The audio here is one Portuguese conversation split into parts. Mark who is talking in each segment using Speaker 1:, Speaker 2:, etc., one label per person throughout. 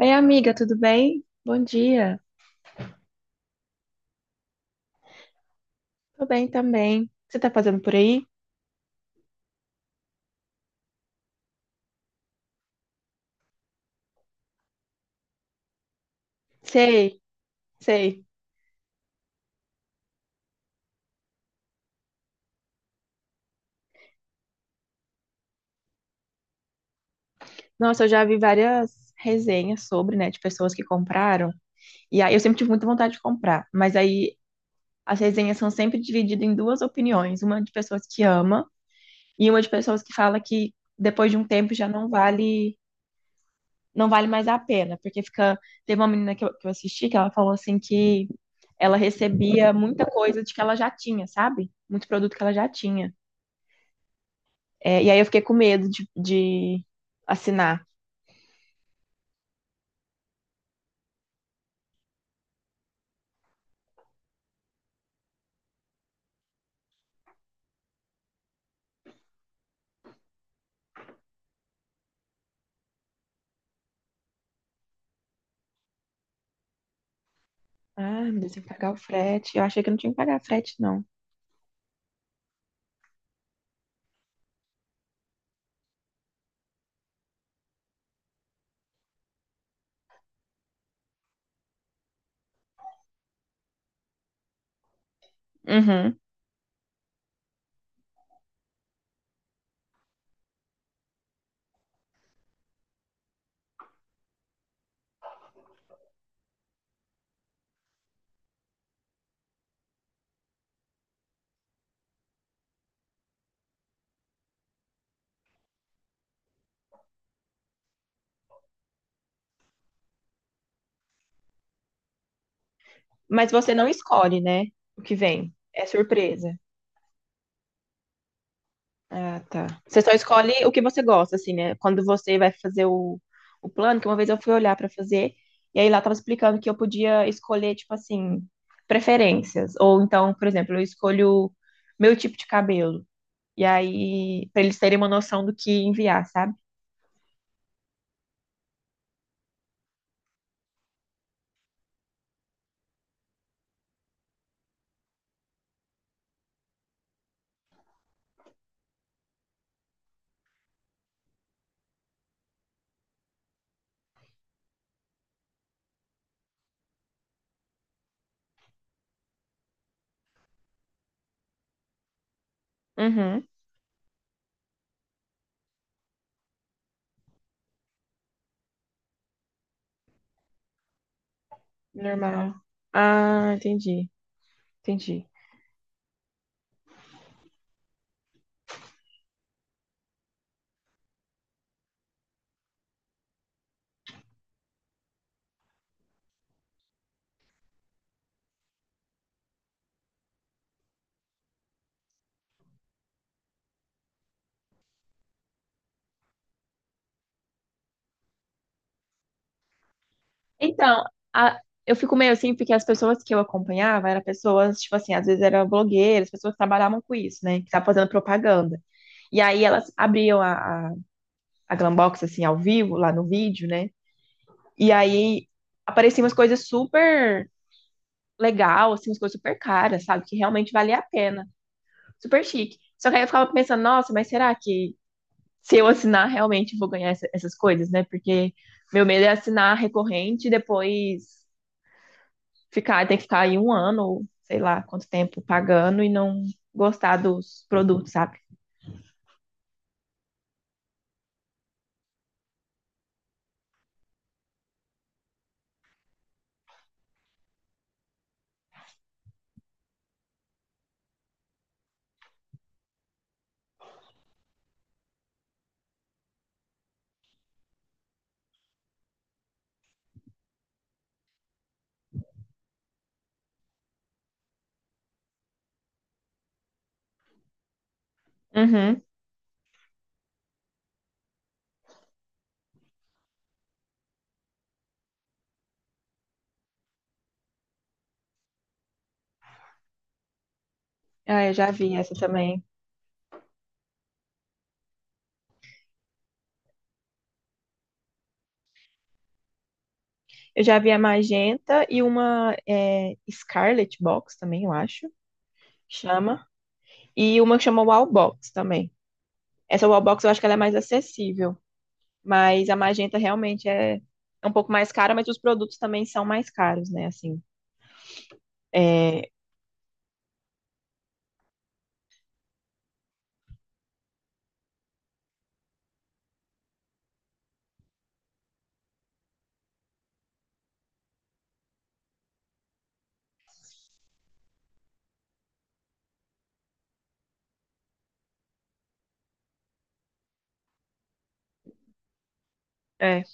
Speaker 1: Oi, amiga, tudo bem? Bom dia. Tô bem também. Você tá fazendo por aí? Sei, sei. Nossa, eu já vi várias resenhas sobre, né, de pessoas que compraram. E aí eu sempre tive muita vontade de comprar, mas aí as resenhas são sempre divididas em duas opiniões, uma de pessoas que ama e uma de pessoas que fala que depois de um tempo já não vale, não vale mais a pena, porque fica, teve uma menina que eu assisti que ela falou assim que ela recebia muita coisa de que ela já tinha, sabe? Muito produto que ela já tinha. É, e aí eu fiquei com medo de assinar. Ah, meu Deus, tem que pagar o frete. Eu achei que não tinha que pagar frete, não. Uhum. Mas você não escolhe, né? O que vem. É surpresa. Ah, tá. Você só escolhe o que você gosta, assim, né? Quando você vai fazer o plano, que uma vez eu fui olhar pra fazer, e aí lá tava explicando que eu podia escolher, tipo assim, preferências. Ou então, por exemplo, eu escolho meu tipo de cabelo. E aí, pra eles terem uma noção do que enviar, sabe? Uhum. Normal. Ah, entendi, entendi. Então, a- eu fico meio assim, porque as pessoas que eu acompanhava eram pessoas, tipo assim, às vezes eram blogueiras, pessoas que trabalhavam com isso, né? Que estavam fazendo propaganda. E aí elas abriam a Glambox, assim, ao vivo, lá no vídeo, né? E aí apareciam umas coisas super legal, assim, umas coisas super caras, sabe? Que realmente valia a pena. Super chique. Só que aí eu ficava pensando, nossa, mas será que se eu assinar, realmente vou ganhar essas coisas, né? Porque meu medo é assinar recorrente e depois ficar, ter que ficar aí um ano, ou sei lá quanto tempo, pagando e não gostar dos produtos, sabe? Uhum. Ah, eu já vi essa também. Eu já vi a magenta e uma é, Scarlet Box também, eu acho, que chama. E uma que chama Wall Box também. Essa Wall Box eu acho que ela é mais acessível, mas a magenta realmente é um pouco mais cara, mas os produtos também são mais caros, né? Assim. É, é.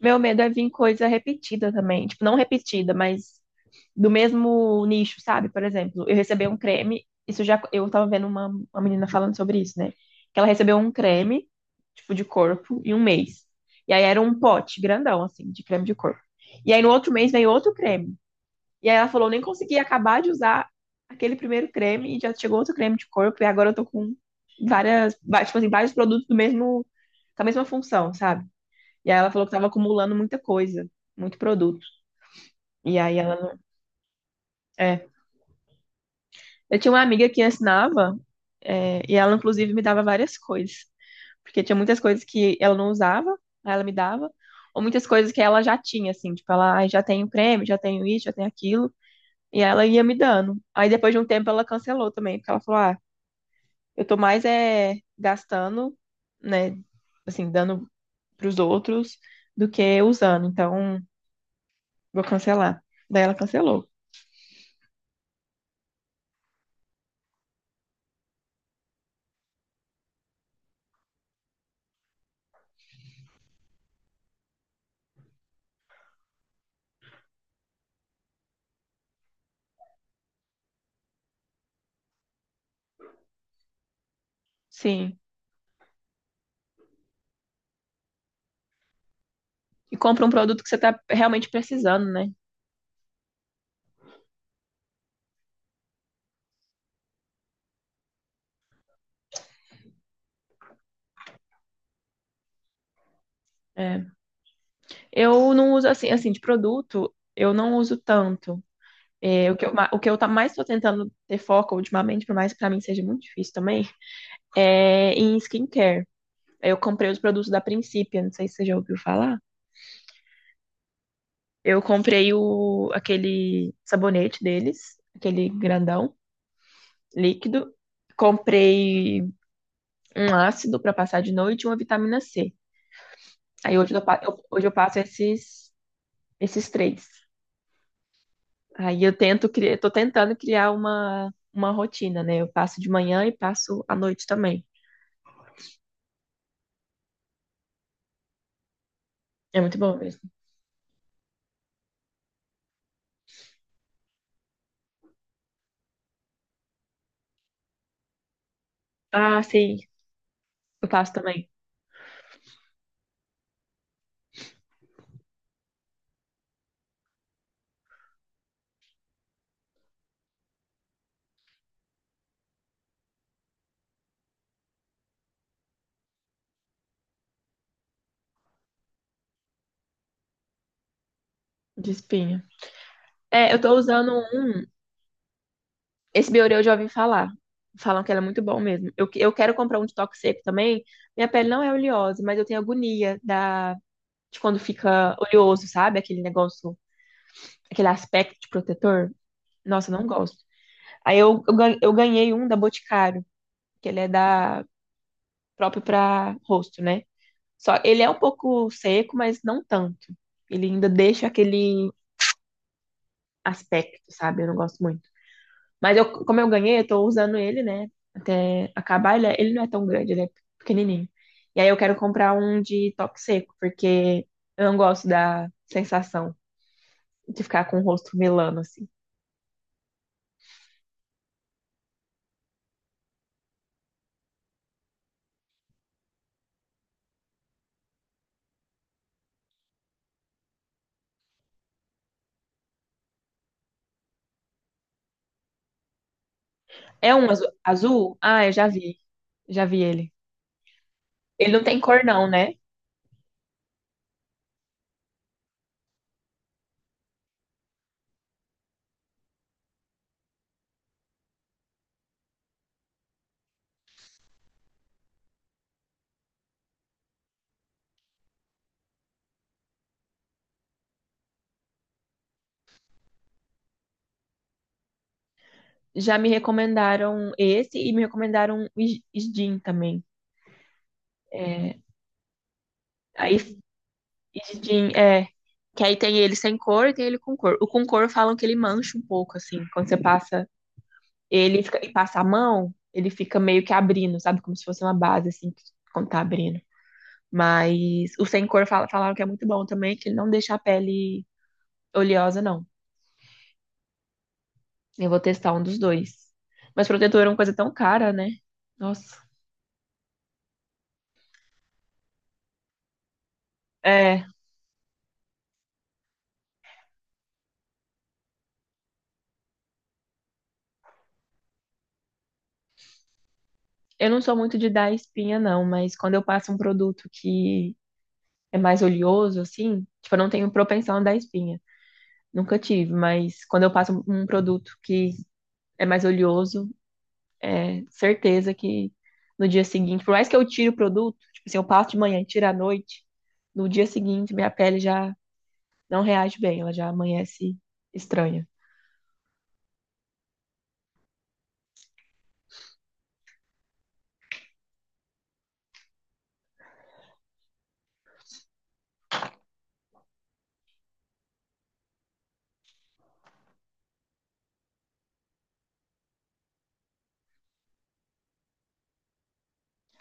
Speaker 1: Meu medo é vir coisa repetida também. Tipo, não repetida, mas do mesmo nicho, sabe? Por exemplo, eu recebi um creme. Isso já. Eu tava vendo uma menina falando sobre isso, né? Que ela recebeu um creme, tipo, de corpo, em um mês. E aí era um pote grandão, assim, de creme de corpo. E aí no outro mês veio outro creme. E aí ela falou: nem consegui acabar de usar aquele primeiro creme e já chegou outro creme de corpo. E agora eu tô com várias. Tipo assim, vários produtos do mesmo. Com a mesma função, sabe? E aí ela falou que estava acumulando muita coisa, muito produto. E aí ela não. É. Eu tinha uma amiga que ensinava, é, e ela inclusive me dava várias coisas. Porque tinha muitas coisas que ela não usava, aí ela me dava, ou muitas coisas que ela já tinha, assim, tipo, ela: "Ai, já tenho o creme, já tenho isso, já tenho aquilo." E ela ia me dando. Aí depois de um tempo ela cancelou também, porque ela falou, ah, eu tô mais é, gastando, né, assim, dando pros outros do que usando, então vou cancelar. Daí ela cancelou. Sim. E compra um produto que você tá realmente precisando, né? É. Eu não uso assim, assim, de produto, eu não uso tanto. É, o que eu, o que eu tá mais tô tentando ter foco ultimamente, por mais que pra mim seja muito difícil também, é em skincare. Eu comprei os produtos da Principia, não sei se você já ouviu falar. Eu comprei o, aquele sabonete deles, aquele grandão, líquido. Comprei um ácido pra passar de noite e uma vitamina C. Aí hoje eu, hoje eu passo esses, esses três. Aí eu tento criar, tô tentando criar uma rotina, né? Eu passo de manhã e passo à noite também. É muito bom mesmo. Ah, sim, eu passo também de espinha. É, eu tô usando um. Esse Bioré eu já ouvi falar. Falam que ele é muito bom mesmo. Eu, eu quero comprar um de toque seco também. Minha pele não é oleosa, mas eu tenho agonia da, de quando fica oleoso, sabe? Aquele negócio, aquele aspecto de protetor. Nossa, eu não gosto. Aí eu, gan- Eu ganhei um da Boticário, que ele é da próprio pra rosto, né? Só ele é um pouco seco, mas não tanto. Ele ainda deixa aquele aspecto, sabe? Eu não gosto muito. Mas eu, como eu ganhei, eu tô usando ele, né? Até acabar, ele não é tão grande, ele é pequenininho. E aí eu quero comprar um de toque seco, porque eu não gosto da sensação de ficar com o rosto melano, assim. É um azul? Ah, eu já vi. Já vi ele. Ele não tem cor não, né? Já me recomendaram esse e me recomendaram o Isdin também. É, aí e de jean, é. Que aí tem ele sem cor e tem ele com cor. O com cor falam que ele mancha um pouco, assim. Quando você passa ele e e passa a mão, ele fica meio que abrindo, sabe? Como se fosse uma base, assim, que- quando tá abrindo. Mas o sem cor falaram que é muito bom também, que ele não deixa a pele oleosa, não. Eu vou testar um dos dois. Mas protetor é uma coisa tão cara, né? Nossa. É, eu não sou muito de dar espinha, não, mas quando eu passo um produto que é mais oleoso, assim, tipo, eu não tenho propensão a dar espinha. Nunca tive, mas quando eu passo um produto que é mais oleoso, é certeza que no dia seguinte, por mais que eu tire o produto, tipo assim, eu passo de manhã e tiro à noite, no dia seguinte minha pele já não reage bem, ela já amanhece estranha.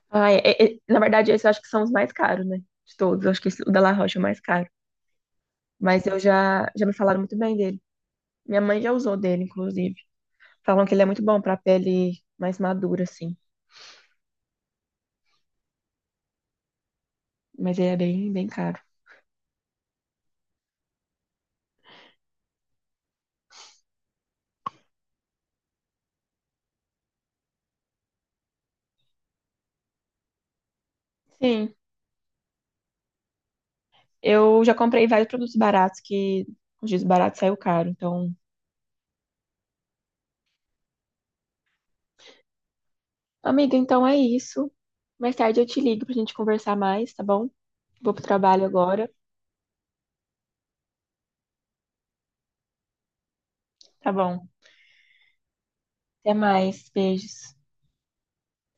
Speaker 1: Ah, na verdade, esses eu acho que são os mais caros, né? De todos, eu acho que o da La Roche é o mais caro. Mas eu já, já me falaram muito bem dele. Minha mãe já usou dele, inclusive. Falam que ele é muito bom pra pele mais madura, assim. Mas ele é bem, bem caro. Sim, eu já comprei vários produtos baratos que os dias baratos saiu caro. Então, amiga, então é isso. Mais tarde eu te ligo pra gente conversar mais, tá bom? Vou pro trabalho agora. Tá bom. Até mais. Beijos.